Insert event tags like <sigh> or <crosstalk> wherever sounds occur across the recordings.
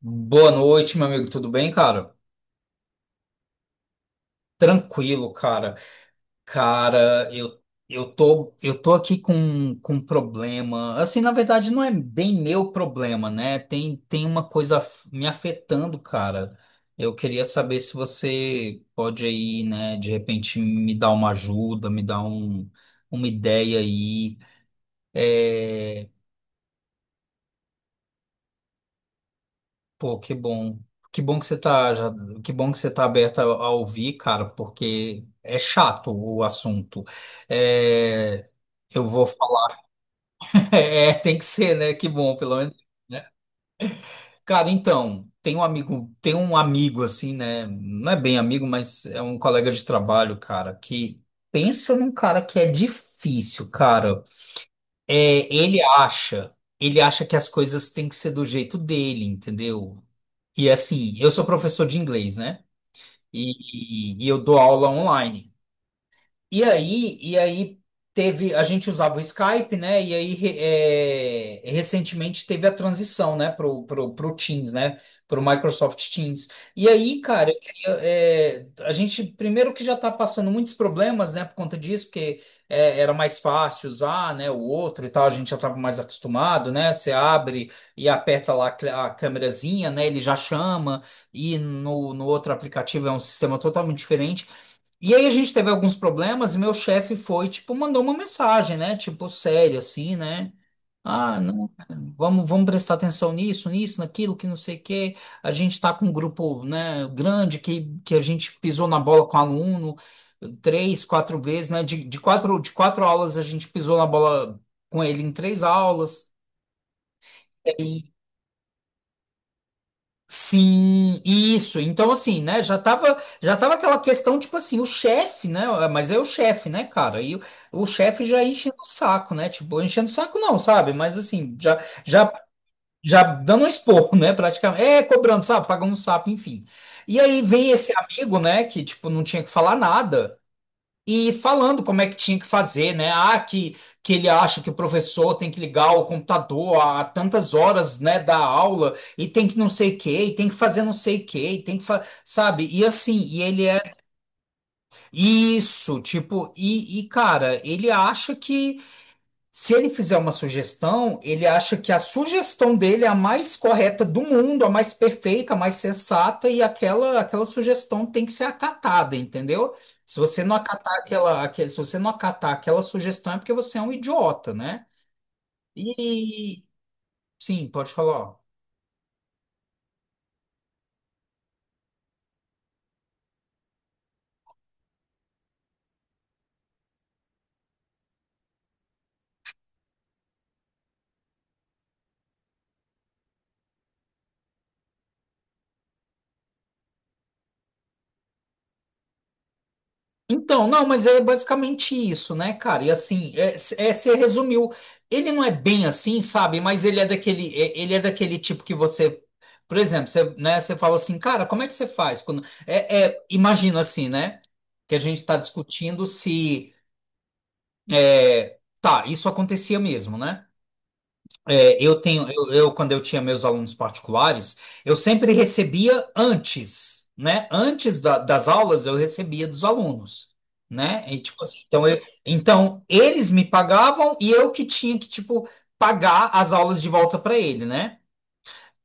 Boa noite, meu amigo. Tudo bem, cara? Tranquilo, cara. Cara, eu tô aqui com um problema. Assim, na verdade, não é bem meu problema, né? Tem uma coisa me afetando, cara. Eu queria saber se você pode aí, né, de repente me dar uma ajuda, me dar um, uma ideia aí. É, Pô, que bom. Que bom que você tá já, que bom que você tá aberta a ouvir, cara, porque é chato o assunto. É, eu vou falar. <laughs> É, tem que ser, né? Que bom, pelo menos, né? Cara, então, tem um amigo assim, né? Não é bem amigo, mas é um colega de trabalho, cara, que pensa num cara que é difícil, cara. É, ele acha que as coisas têm que ser do jeito dele, entendeu? E assim, eu sou professor de inglês, né? E, e eu dou aula online. E aí teve, a gente usava o Skype, né? E aí recentemente teve a transição, né, pro Teams, né? Pro Microsoft Teams. E aí, cara, eu queria, é, a gente primeiro que já está passando muitos problemas, né, por conta disso, porque é, era mais fácil usar, né, o outro e tal, a gente já estava mais acostumado, né? Você abre e aperta lá a a câmerazinha, né? Ele já chama, e no outro aplicativo é um sistema totalmente diferente. E aí a gente teve alguns problemas e meu chefe foi, tipo, mandou uma mensagem, né? Tipo, séria, assim, né? Ah, não, cara, vamos prestar atenção nisso, nisso, naquilo, que não sei o quê. A gente tá com um grupo, né, grande que a gente pisou na bola com aluno três, quatro vezes, né? De quatro aulas a gente pisou na bola com ele em três aulas. Sim, isso. Então, assim, né? Já tava aquela questão, tipo assim, o chefe, né? é, Mas é o chefe, né, cara? E o chefe já enchendo o saco, né? Tipo, enchendo o saco não, sabe? Mas assim, já dando um esporro, <laughs> né? Praticamente. É, cobrando, sabe? Pagando um sapo, enfim. E aí vem esse amigo, né? Que, tipo, não tinha que falar nada. E falando como é que tinha que fazer, né? Ah, que ele acha que o professor tem que ligar o computador a tantas horas, né, da aula, e tem que não sei o quê, e tem que fazer não sei o quê, e tem que sabe? E assim, e ele é isso, tipo, e cara, ele acha que se ele fizer uma sugestão, ele acha que a sugestão dele é a mais correta do mundo, a mais perfeita, a mais sensata, e aquela sugestão tem que ser acatada, entendeu? Se você não acatar se você não acatar aquela sugestão, é porque você é um idiota, né? E sim, pode falar. Então, não, mas é basicamente isso, né, cara? E assim, você resumiu. Ele não é bem assim, sabe? Mas ele é daquele, ele é daquele tipo que você, por exemplo, você, né, você fala assim, cara, como é que você faz? Quando, imagina assim, né? Que a gente está discutindo se, é, tá, isso acontecia mesmo, né? É, eu tenho, eu, quando eu tinha meus alunos particulares, eu sempre recebia antes, né? Antes das aulas, eu recebia dos alunos, né? E, tipo assim, então, então, eles me pagavam e eu que tinha que, tipo, pagar as aulas de volta para ele, né?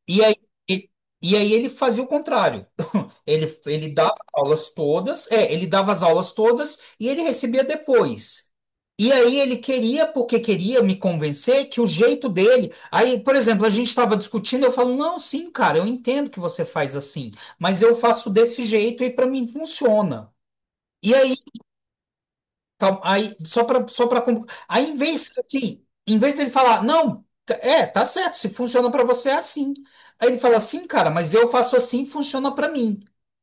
E aí, e, e aí ele fazia o contrário. Ele dava aulas todas, é, ele dava as aulas todas e ele recebia depois. E aí ele queria, porque queria me convencer que o jeito dele. Aí, por exemplo, a gente estava discutindo, eu falo, não, sim, cara, eu entendo que você faz assim, mas eu faço desse jeito e para mim funciona. E aí calma, aí, só para aí em vez assim, em vez dele falar, não, tá certo, se funciona para você é assim. Aí ele fala assim, cara, mas eu faço assim, funciona para mim.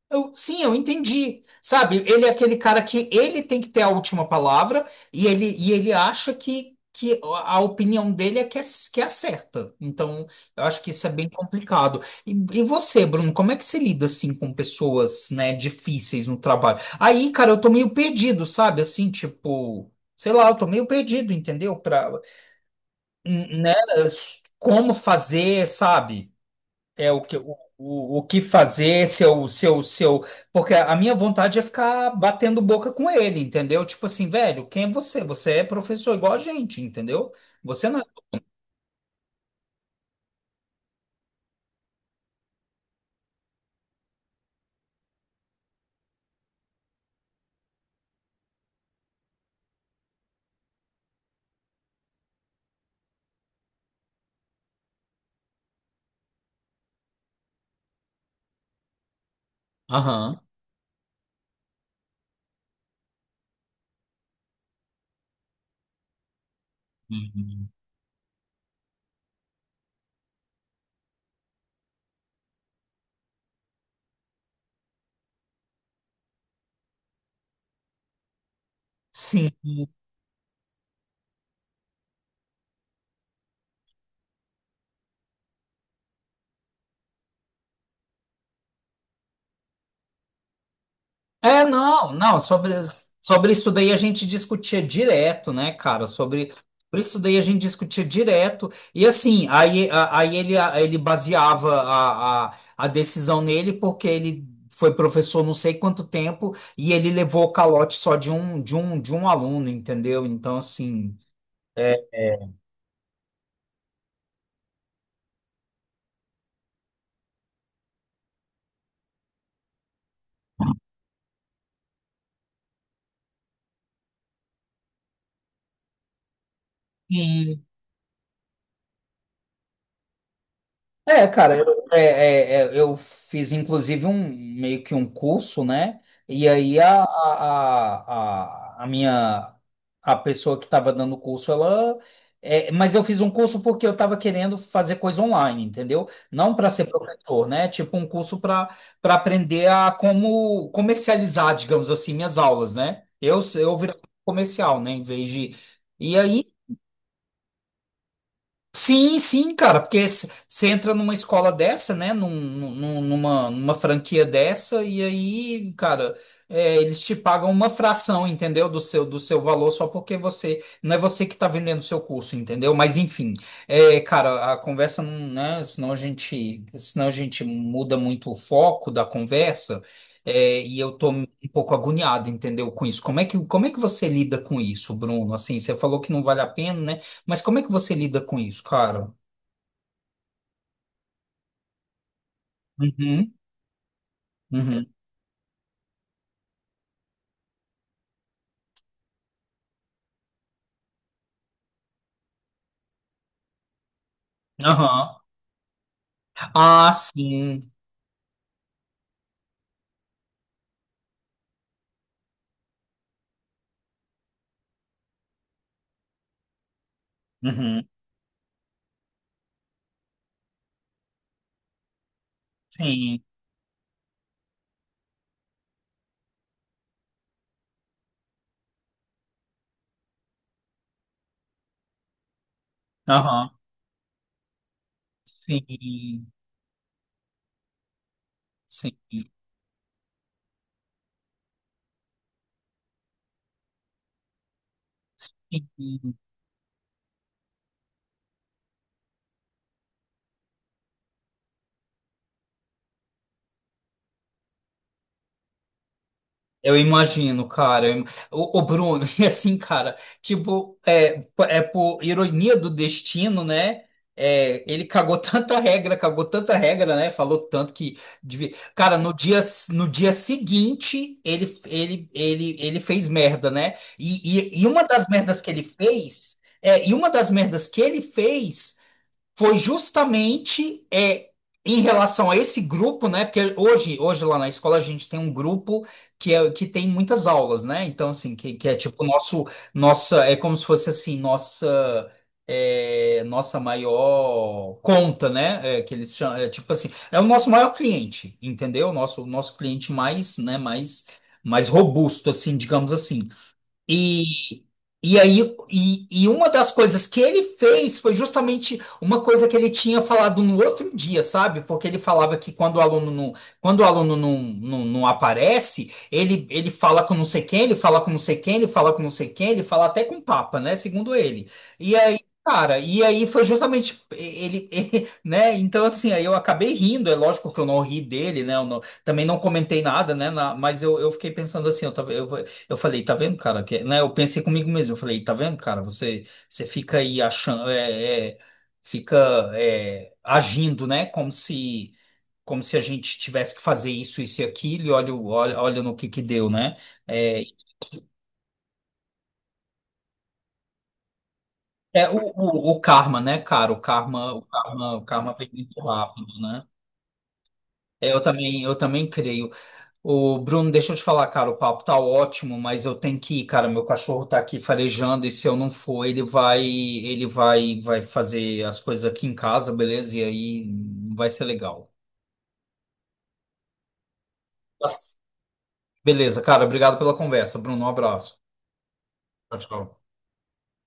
Eu, sim, eu entendi. Sabe, ele é aquele cara que ele tem que ter a última palavra e ele acha que a opinião dele é que é, que é a certa. Então, eu acho que isso é bem complicado. E você, Bruno, como é que você lida assim com pessoas, né, difíceis no trabalho? Aí, cara, eu tô meio perdido, sabe? Assim, tipo, sei lá, eu tô meio perdido, entendeu? Pra, né? Como fazer, sabe? É o que, o, o que fazer, se eu. Porque a minha vontade é ficar batendo boca com ele, entendeu? Tipo assim, velho, quem é você? Você é professor igual a gente, entendeu? Você não é. Aham. Uhum. Sim. É, não, não, sobre, sobre isso daí a gente discutia direto, né, cara? Sobre, sobre isso daí a gente discutia direto. E assim, aí, aí ele baseava a decisão nele, porque ele foi professor não sei quanto tempo e ele levou o calote só de um, de um aluno, entendeu? Então, assim. É, cara, eu, é, é, é, eu fiz inclusive um meio que um curso, né? E aí a pessoa que estava dando o curso, ela. É, mas eu fiz um curso porque eu estava querendo fazer coisa online, entendeu? Não para ser professor, né? Tipo um curso para aprender a como comercializar, digamos assim, minhas aulas, né? Eu virei comercial, né? Em vez de. E aí. Sim, sim, cara, porque você entra numa escola dessa, né, numa franquia dessa, e aí, cara, é, eles te pagam uma fração, entendeu, do seu valor, só porque você, não é você que tá vendendo o seu curso, entendeu? Mas, enfim, é, cara, a conversa não, né, senão a gente muda muito o foco da conversa, é, e eu tô um pouco agoniado, entendeu, com isso. Como é que você lida com isso, Bruno? Assim, você falou que não vale a pena, né? Mas como é que você lida com isso, cara? Uhum, uhum, aham. Ah, sim. Uhum, sim. Aham, sim. Sim. Sim. Eu imagino, cara. Eu im- Ô, Bruno, <laughs> e assim, cara, tipo, é, é por ironia do destino, né? É, ele cagou <laughs> tanta regra, cagou tanta regra, né? Falou tanto que. Devia- Cara, no dia, no dia seguinte, ele fez merda, né? E uma das merdas que ele fez. É, e uma das merdas que ele fez foi justamente é, em relação a esse grupo, né? Porque hoje, hoje lá na escola a gente tem um grupo que é que tem muitas aulas, né? Então assim, que é tipo nosso nossa é como se fosse assim nossa é, nossa maior conta, né? É, que eles chamam, é, tipo assim é o nosso maior cliente, entendeu? Nosso cliente mais, né? Mais robusto, assim, digamos assim. E, e aí, e uma das coisas que ele fez foi justamente uma coisa que ele tinha falado no outro dia, sabe? Porque ele falava que quando o aluno não, quando o aluno não aparece, ele fala com não sei quem, ele fala com não sei quem, ele fala com não sei quem, ele fala até com o Papa, né? Segundo ele. E aí, cara, e aí foi justamente ele, <laughs> ele, né? Então, assim, aí eu acabei rindo, é lógico que eu não ri dele, né? Eu não- também não comentei nada, né? na- mas eu fiquei pensando assim, eu, tava- eu falei, tá vendo, cara? Que, é, né, eu pensei comigo mesmo, eu falei, tá vendo, cara? Você fica aí achando, fica é, agindo, né? Como se a gente tivesse que fazer isso, isso e aquilo, e olha, olha no que deu, né? É, é o karma, né, cara? O karma, o karma, o karma vem muito rápido, né? É, eu também, eu também creio. Ô, Bruno, deixa eu te falar, cara, o papo tá ótimo, mas eu tenho que ir, cara. Meu cachorro tá aqui farejando e se eu não for, vai fazer as coisas aqui em casa, beleza? E aí não vai ser legal. Beleza, cara. Obrigado pela conversa, Bruno. Um abraço. Tchau, tchau.